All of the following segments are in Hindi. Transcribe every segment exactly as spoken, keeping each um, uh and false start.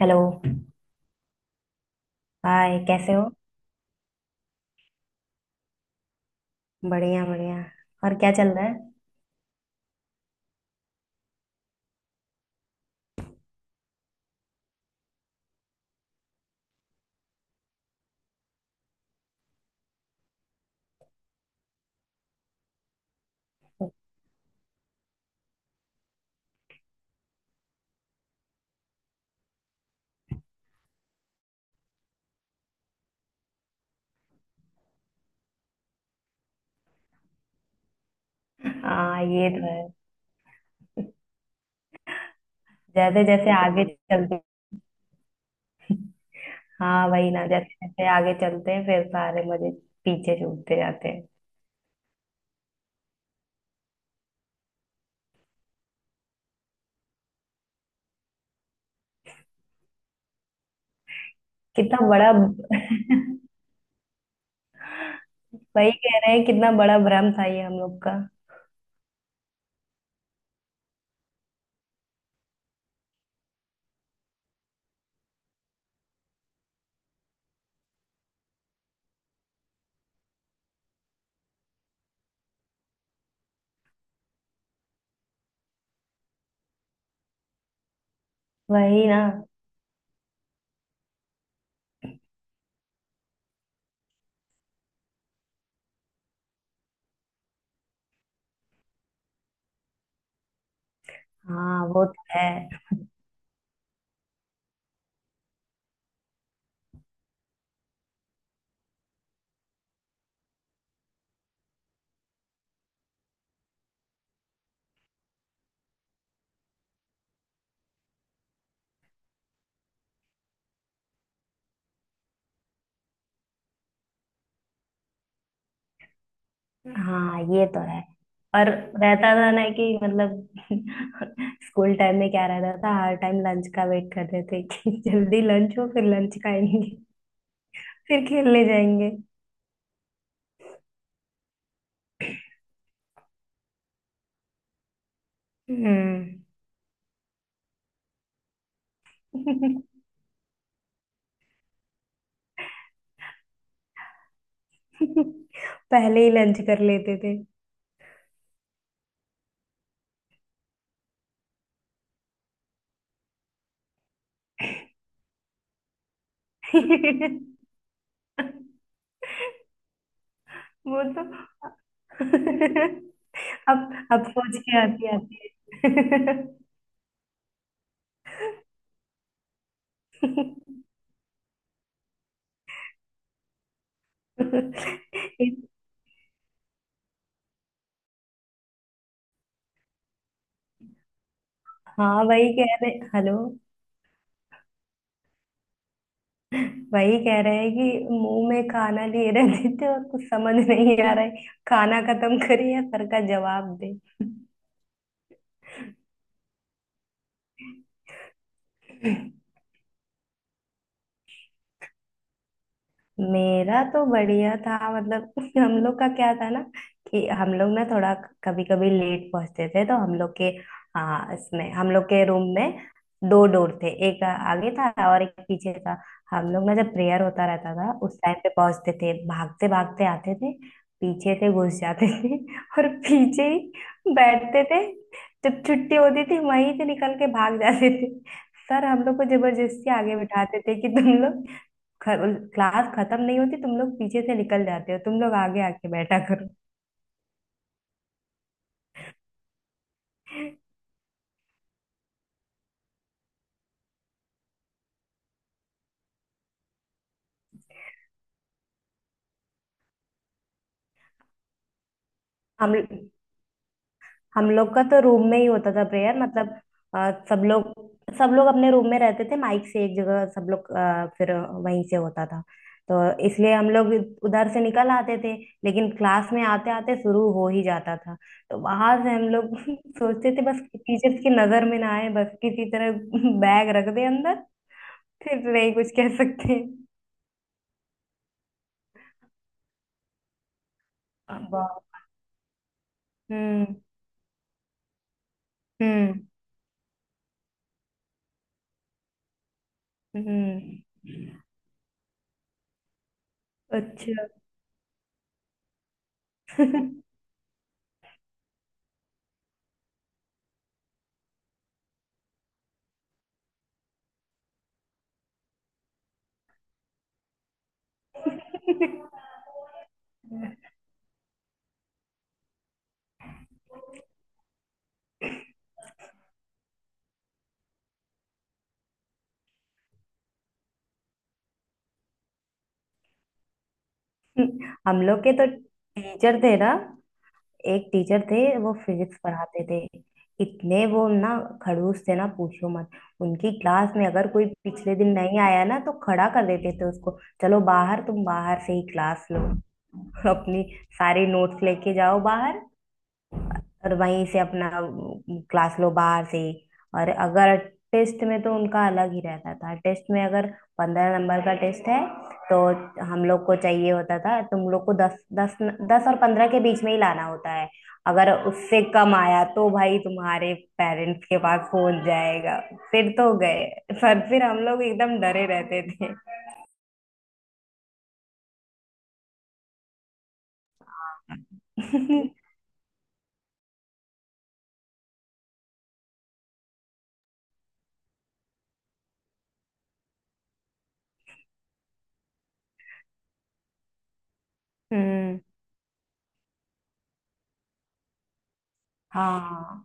हेलो। हाय, कैसे हो? बढ़िया बढ़िया। और क्या चल रहा है? हाँ, ये तो है। जैसे जैसे आगे चलते। हाँ, वही ना, जैसे जैसे आगे चलते हैं फिर सारे मजे पीछे छूटते जाते हैं। कितना बड़ा, वही कह रहे हैं, कितना बड़ा भ्रम था ये हम लोग का। वही ना। हाँ, वो तो है। हाँ, ये तो है। और रहता था ना कि मतलब, स्कूल टाइम में क्या रहता था, हर टाइम लंच का वेट करते थे कि जल्दी लंच हो, फिर लंच खाएंगे, फिर खेलने जाएंगे। हम्म। पहले ही लंच कर लेते थे। वो तो अब अब सोच के आती आती है। हाँ, वही कह रहे। हेलो। वही कह रहे हैं कि मुंह में खाना लिए रहते थे और कुछ समझ नहीं आ रहा है, खाना खत्म करे या सर का जवाब। मेरा तो बढ़िया था, मतलब हम लोग का क्या था ना कि हम लोग ना थोड़ा कभी कभी लेट पहुंचते थे तो हम लोग के, हाँ, इसमें हम लोग के रूम में दो डोर थे, एक आगे था और एक पीछे था। हम लोग ना जब प्रेयर होता रहता था उस टाइम पे पहुंचते थे, भागते भागते आते थे, पीछे से घुस जाते थे और पीछे ही बैठते थे। जब छुट्टी होती थी वहीं से निकल के भाग जाते थे। सर हम लोग को जबरदस्ती आगे बिठाते थे कि तुम लोग ख, क्लास खत्म नहीं होती, तुम लोग पीछे से निकल जाते हो, तुम लोग आगे आके बैठा करो। हम हम लोग का तो रूम में ही होता था प्रेयर, मतलब अ, सब लोग सब लोग अपने रूम में रहते थे, माइक से एक जगह सब लोग अ, फिर वहीं से होता था। तो इसलिए हम लोग उधर से निकल आते थे, लेकिन क्लास में आते आते शुरू हो ही जाता था। तो वहां से हम लोग सोचते थे बस टीचर्स की नजर में ना आए, बस किसी तरह बैग रख दे अंदर। फिर नहीं कुछ कह सकते। वाह। हम्म। हम्म। हम्म। अच्छा। हम लोग के तो टीचर थे ना, एक टीचर थे, वो फिजिक्स पढ़ाते थे। इतने वो ना खड़ूस थे ना, पूछो मत। उनकी क्लास में अगर कोई पिछले दिन नहीं आया ना, तो खड़ा कर देते थे उसको, चलो बाहर, तुम बाहर से ही क्लास लो। अपनी सारी नोट्स लेके जाओ बाहर, और वहीं से अपना क्लास लो बाहर से ही। और अगर टेस्ट में, तो उनका अलग ही रहता था। टेस्ट में अगर पंद्रह नंबर का टेस्ट है, तो हम लोग को चाहिए होता था, तुम लोग को दस दस, दस और पंद्रह के बीच में ही लाना होता है। अगर उससे कम आया तो भाई तुम्हारे पेरेंट्स के पास फोन जाएगा, फिर तो गए। पर फिर हम लोग एकदम डरे रहते थे। हम्म। हाँ।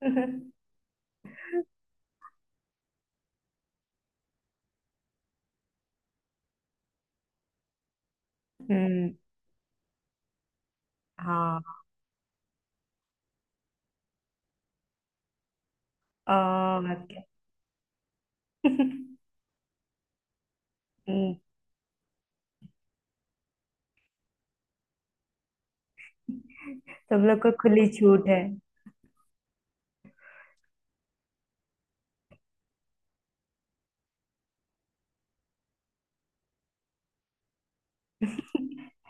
हम्म। हाँ। और क्या। हम्म, तुम लोग को खुली छूट है।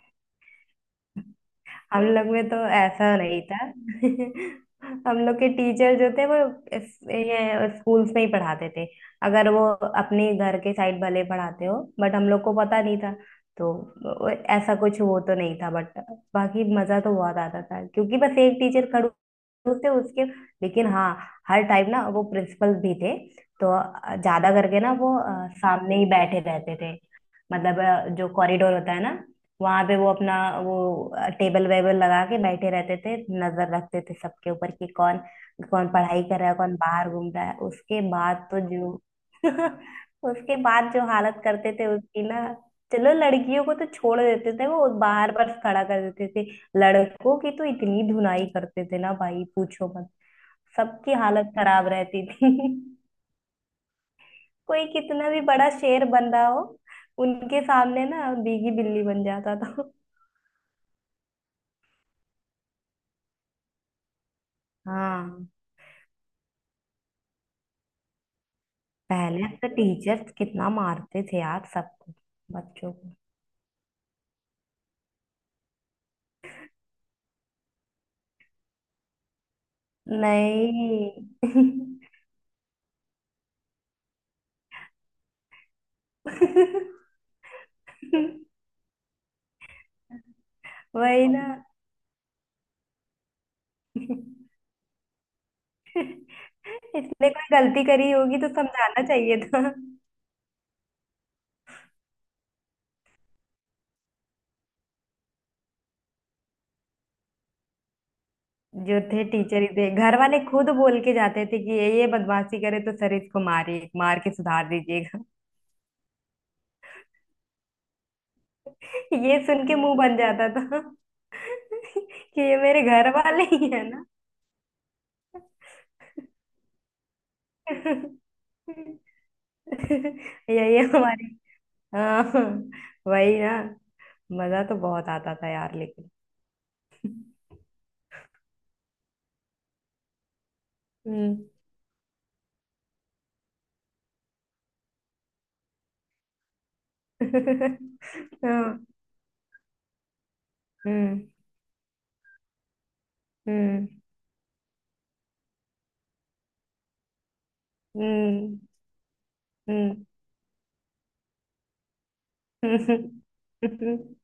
हम लोग में तो ऐसा नहीं था। हम लोग के टीचर जो थे, वो इस, ये स्कूल्स में ही पढ़ाते थे। अगर वो अपने घर के साइड भले पढ़ाते हो बट हम लोग को पता नहीं था, तो वो- ऐसा कुछ वो तो नहीं था, बट बाकी मजा तो बहुत आता था, क्योंकि बस एक टीचर खड़ूस थे उसके। लेकिन हाँ, हर टाइम ना वो प्रिंसिपल भी थे, तो ज्यादा करके ना वो अ, सामने ही बैठे रहते थे। मतलब अ, जो कॉरिडोर होता है ना, वहां पे वो अपना वो टेबल वेबल लगा के बैठे रहते थे, नजर रखते थे सबके ऊपर कि कौन कौन पढ़ाई कर रहा है, कौन बाहर घूम रहा है। उसके बाद तो जो उसके बाद जो हालत करते थे उसकी ना, चलो लड़कियों को तो छोड़ देते थे, वो बाहर बस खड़ा कर देते थे। लड़कों की तो इतनी धुनाई करते थे ना भाई, पूछो मत। सबकी हालत खराब रहती थी। कोई कितना भी बड़ा शेर बन रहा हो, उनके सामने ना भीगी बिल्ली बन जाता था। हाँ, पहले तो टीचर्स कितना मारते थे यार, सबको, बच्चों को। नहीं। वही ना, इसने कोई गलती करी होगी तो समझाना चाहिए था। जो थे टीचर ही थे, घर वाले खुद बोल के जाते थे कि ये ये बदमाशी करे तो सर इसको मारिए, मार के सुधार दीजिएगा। ये सुन के मुंह बन जाता था कि ये मेरे घर वाले ही है ना। यही हमारी, हाँ, वही ना। मजा तो बहुत आता था यार लेकिन। हम्म। हाँ, हम्म। हम्म। हम्म। हम्म। हम्म।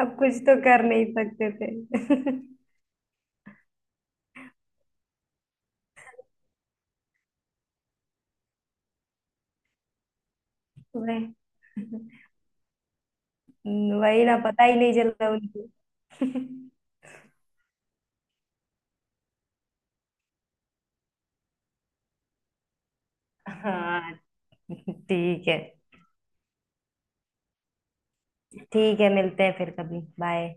अब कुछ तो कर नहीं सकते थे। वही, वही ना, पता ही नहीं चला उनको। हाँ, ठीक है। ठीक है, मिलते हैं फिर कभी, बाय।